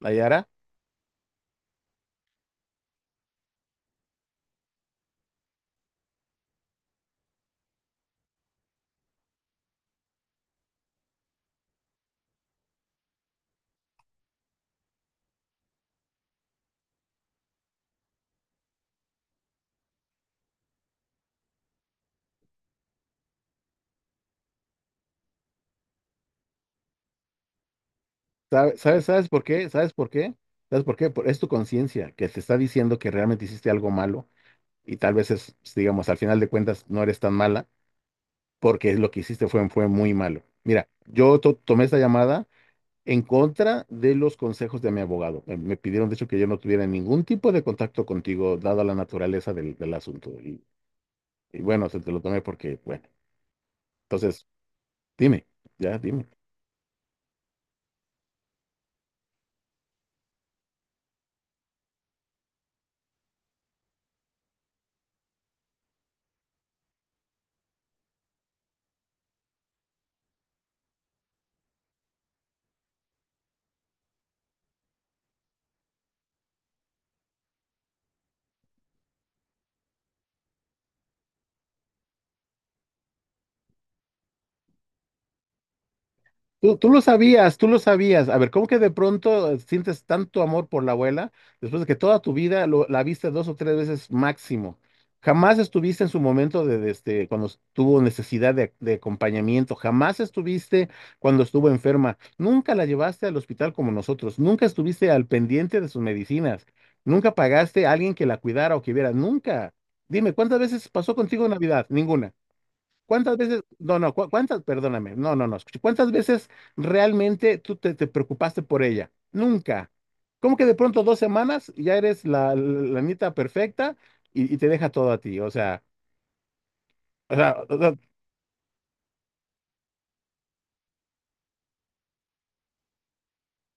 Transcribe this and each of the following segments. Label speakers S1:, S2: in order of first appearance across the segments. S1: Nayara, ¿sabes por qué? ¿Sabes por qué? ¿Sabes por qué? Es tu conciencia que te está diciendo que realmente hiciste algo malo y tal vez es, digamos, al final de cuentas no eres tan mala porque lo que hiciste fue muy malo. Mira, yo tomé esta llamada en contra de los consejos de mi abogado. Me pidieron, de hecho, que yo no tuviera ningún tipo de contacto contigo, dada la naturaleza del asunto. Y bueno, se te lo tomé porque, bueno, entonces, dime, ya, dime. Tú lo sabías, tú lo sabías. A ver, ¿cómo que de pronto sientes tanto amor por la abuela después de que toda tu vida la viste dos o tres veces máximo? Jamás estuviste en su momento cuando tuvo necesidad de acompañamiento, jamás estuviste cuando estuvo enferma, nunca la llevaste al hospital como nosotros, nunca estuviste al pendiente de sus medicinas, nunca pagaste a alguien que la cuidara o que viera, nunca. Dime, ¿cuántas veces pasó contigo Navidad? Ninguna. ¿Cuántas veces, no, no, cuántas, perdóname, no, no, no, escuché, ¿cuántas veces realmente tú te preocupaste por ella? Nunca. ¿Cómo que de pronto 2 semanas y ya eres la nita perfecta y te deja todo a ti? O sea, o sea, o sea,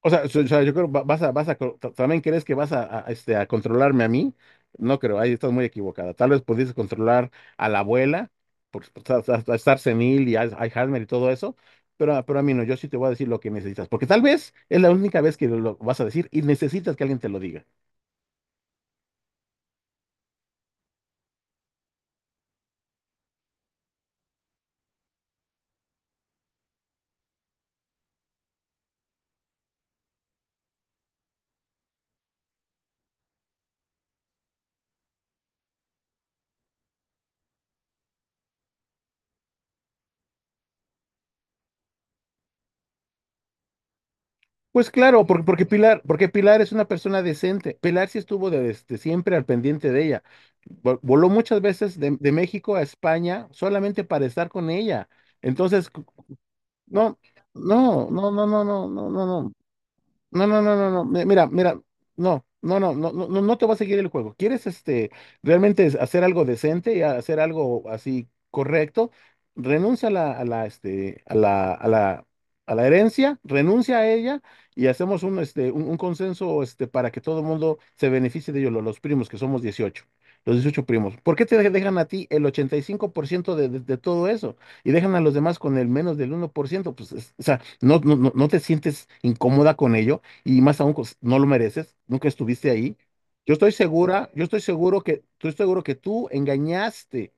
S1: O sea, so- o sea, yo creo vas a, también crees que vas a, a controlarme a mí. No creo, ahí estás muy equivocada. Tal vez pudieses controlar a la abuela por estar senil y Alzheimer y todo eso, pero, pero a mí no, yo sí te voy a decir lo que necesitas, porque tal vez es la única vez que lo vas a decir y necesitas que alguien te lo diga. Pues claro, porque Pilar es una persona decente. Pilar sí estuvo desde siempre al pendiente de ella. Voló muchas veces de México a España solamente para estar con ella. Entonces, no, no, no, no, no, no, no, no, no. No, no, no, no, no. Mira, mira, no, no, no, no, no, no no te va a seguir el juego. ¿Quieres este realmente hacer algo decente y hacer algo así correcto? Renuncia a la herencia, renuncia a ella y hacemos un consenso para que todo el mundo se beneficie de ello, los primos, que somos 18, los 18 primos. ¿Por qué te dejan a ti el 85% de todo eso y dejan a los demás con el menos del 1%? Pues, o sea, no, no te sientes incómoda con ello y más aún pues, no lo mereces, nunca estuviste ahí. Yo estoy segura, yo estoy seguro que tú engañaste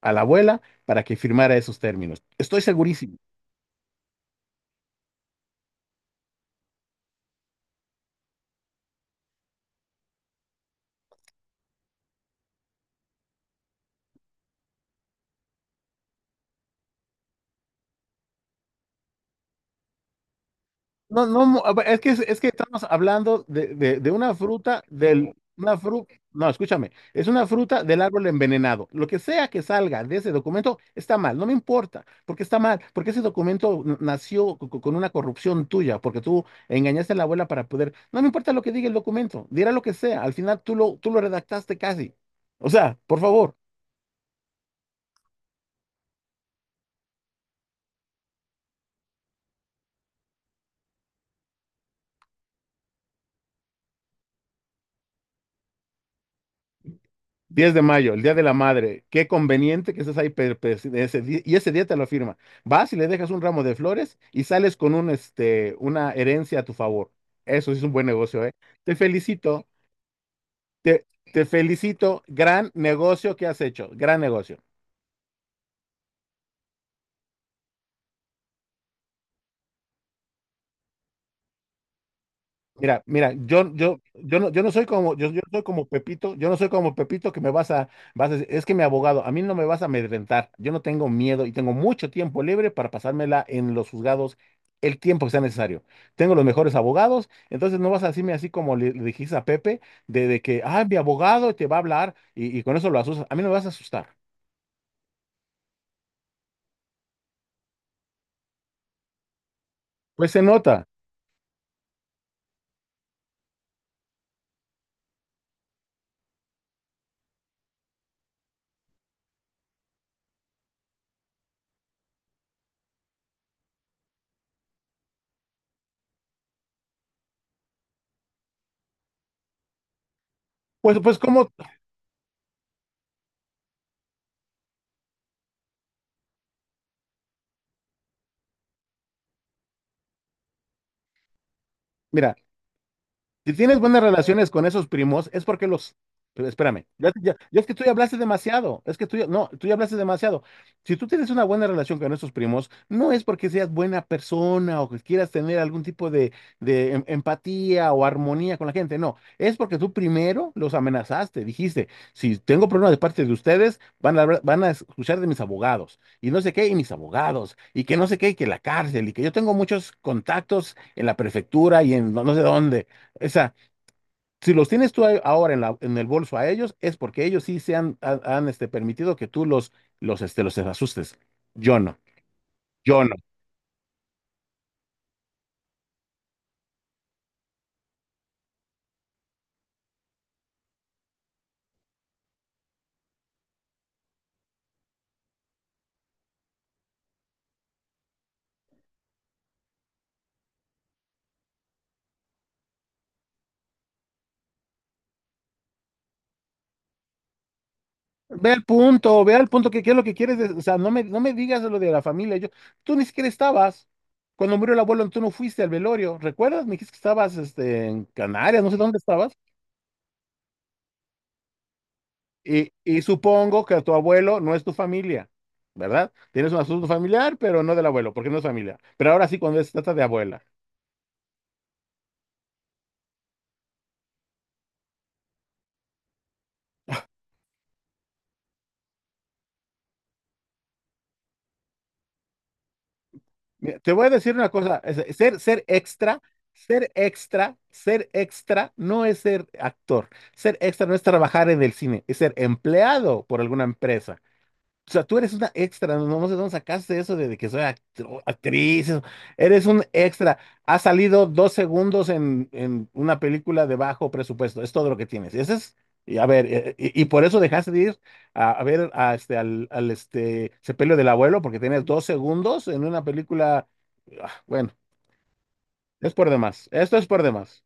S1: a la abuela para que firmara esos términos. Estoy segurísimo. No, no, a ver, es que estamos hablando de una fruta, una fruta, no, escúchame, es una fruta del árbol envenenado. Lo que sea que salga de ese documento está mal, no me importa, porque está mal, porque ese documento nació con una corrupción tuya, porque tú engañaste a la abuela para poder, no me importa lo que diga el documento, dirá lo que sea, al final tú lo redactaste casi. O sea, por favor. 10 de mayo, el Día de la Madre. Qué conveniente que estés ahí, per- per- ese di- y ese día te lo firma. Vas y le dejas un ramo de flores y sales con una herencia a tu favor. Eso sí es un buen negocio, ¿eh? Te felicito, te, te felicito. Gran negocio que has hecho, gran negocio. Mira, mira, yo no soy como, yo soy como Pepito, yo no soy como Pepito que me vas a decir, es que mi abogado, a mí no me vas a amedrentar, yo no tengo miedo y tengo mucho tiempo libre para pasármela en los juzgados el tiempo que sea necesario. Tengo los mejores abogados, entonces no vas a decirme así como le dijiste a Pepe, de que, ah, mi abogado te va a hablar y con eso lo asustas, a mí no me vas a asustar. Pues se nota. Pues, ¿cómo? Mira. Si tienes buenas relaciones con esos primos, es porque los... pero espérame, ya es que tú ya hablaste demasiado, es que tú ya, no, tú ya hablaste demasiado. Si tú tienes una buena relación con esos primos, no es porque seas buena persona o que quieras tener algún tipo de empatía o armonía con la gente, no, es porque tú primero los amenazaste, dijiste, si tengo problemas de parte de ustedes, van a escuchar de mis abogados y no sé qué, y mis abogados, y que no sé qué, y que la cárcel, y que yo tengo muchos contactos en la prefectura y en no sé dónde. O sea, si los tienes tú ahí ahora en la, en el bolso a ellos, es porque ellos sí se han, permitido que tú los asustes. Yo no, yo no. Ve al punto que qué es lo que quieres. O sea, no me digas lo de la familia. Yo, tú ni siquiera estabas. Cuando murió el abuelo, tú no fuiste al velorio. ¿Recuerdas? Me dijiste que estabas, este, en Canarias, no sé dónde estabas. Y supongo que tu abuelo no es tu familia, ¿verdad? Tienes un asunto familiar, pero no del abuelo, porque no es familia. Pero ahora sí, cuando se trata de abuela. Mira, te voy a decir una cosa, ser extra, ser extra, ser extra no es ser actor, ser extra no es trabajar en el cine, es ser empleado por alguna empresa. O sea, tú eres una extra, no, no sé dónde sacaste eso de que soy actriz, eso. Eres un extra. Has salido 2 segundos en una película de bajo presupuesto, es todo lo que tienes. Ese es, y a ver, y por eso dejaste de ir a ver al sepelio del abuelo, porque tienes 2 segundos en una película. Ah, bueno, es por demás, esto es por demás.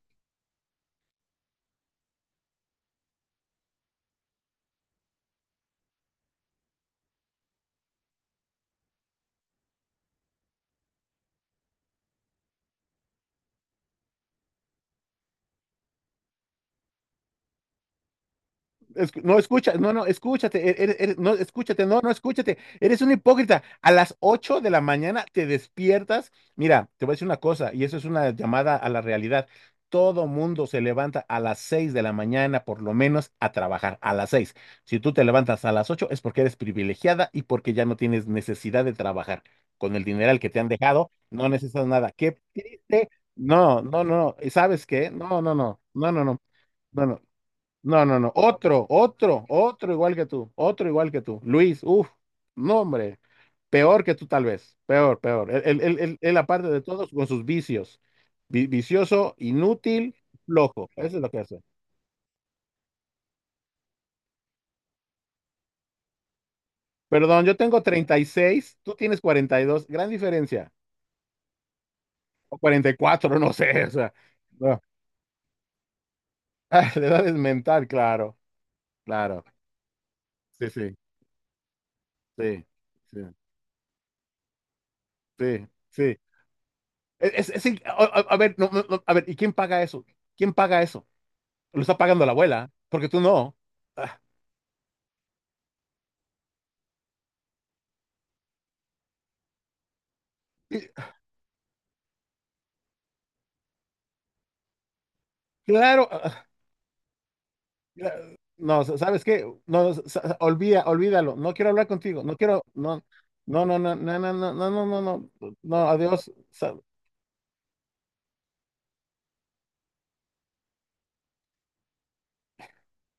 S1: No, escucha, no, no, escúchate, no, escúchate, no, no, escúchate, eres un hipócrita. A las 8 de la mañana te despiertas. Mira, te voy a decir una cosa, y eso es una llamada a la realidad. Todo mundo se levanta a las 6 de la mañana, por lo menos, a trabajar, a las 6 si tú te levantas a las 8 es porque eres privilegiada y porque ya no tienes necesidad de trabajar. Con el dineral que te han dejado, no necesitas nada. Qué triste. No, no, no, ¿y sabes qué? No, no, no, no, no, no, no, no. No, no, no. Otro, otro, otro igual que tú. Otro igual que tú. Luis, uff, no, hombre. Peor que tú, tal vez. Peor, peor. Él, aparte de todos, con sus vicios. Vicioso, inútil, flojo. Eso es lo que hace. Perdón, yo tengo 36, tú tienes 42, gran diferencia. O 44, no sé. O sea, no. Ah, la edad es mental, claro. Claro. Sí, sí, sí, sí, sí, sí. Es in- a- A ver, no, no, no, a ver, ¿y quién paga eso? ¿Quién paga eso? Lo está pagando la abuela, porque tú no. Ah, y- claro. No, ¿sabes qué? No, no, olvida, olvídalo. No quiero hablar contigo. No quiero. No, no, no, no, no, no, no, no, no, no, no. No, adiós.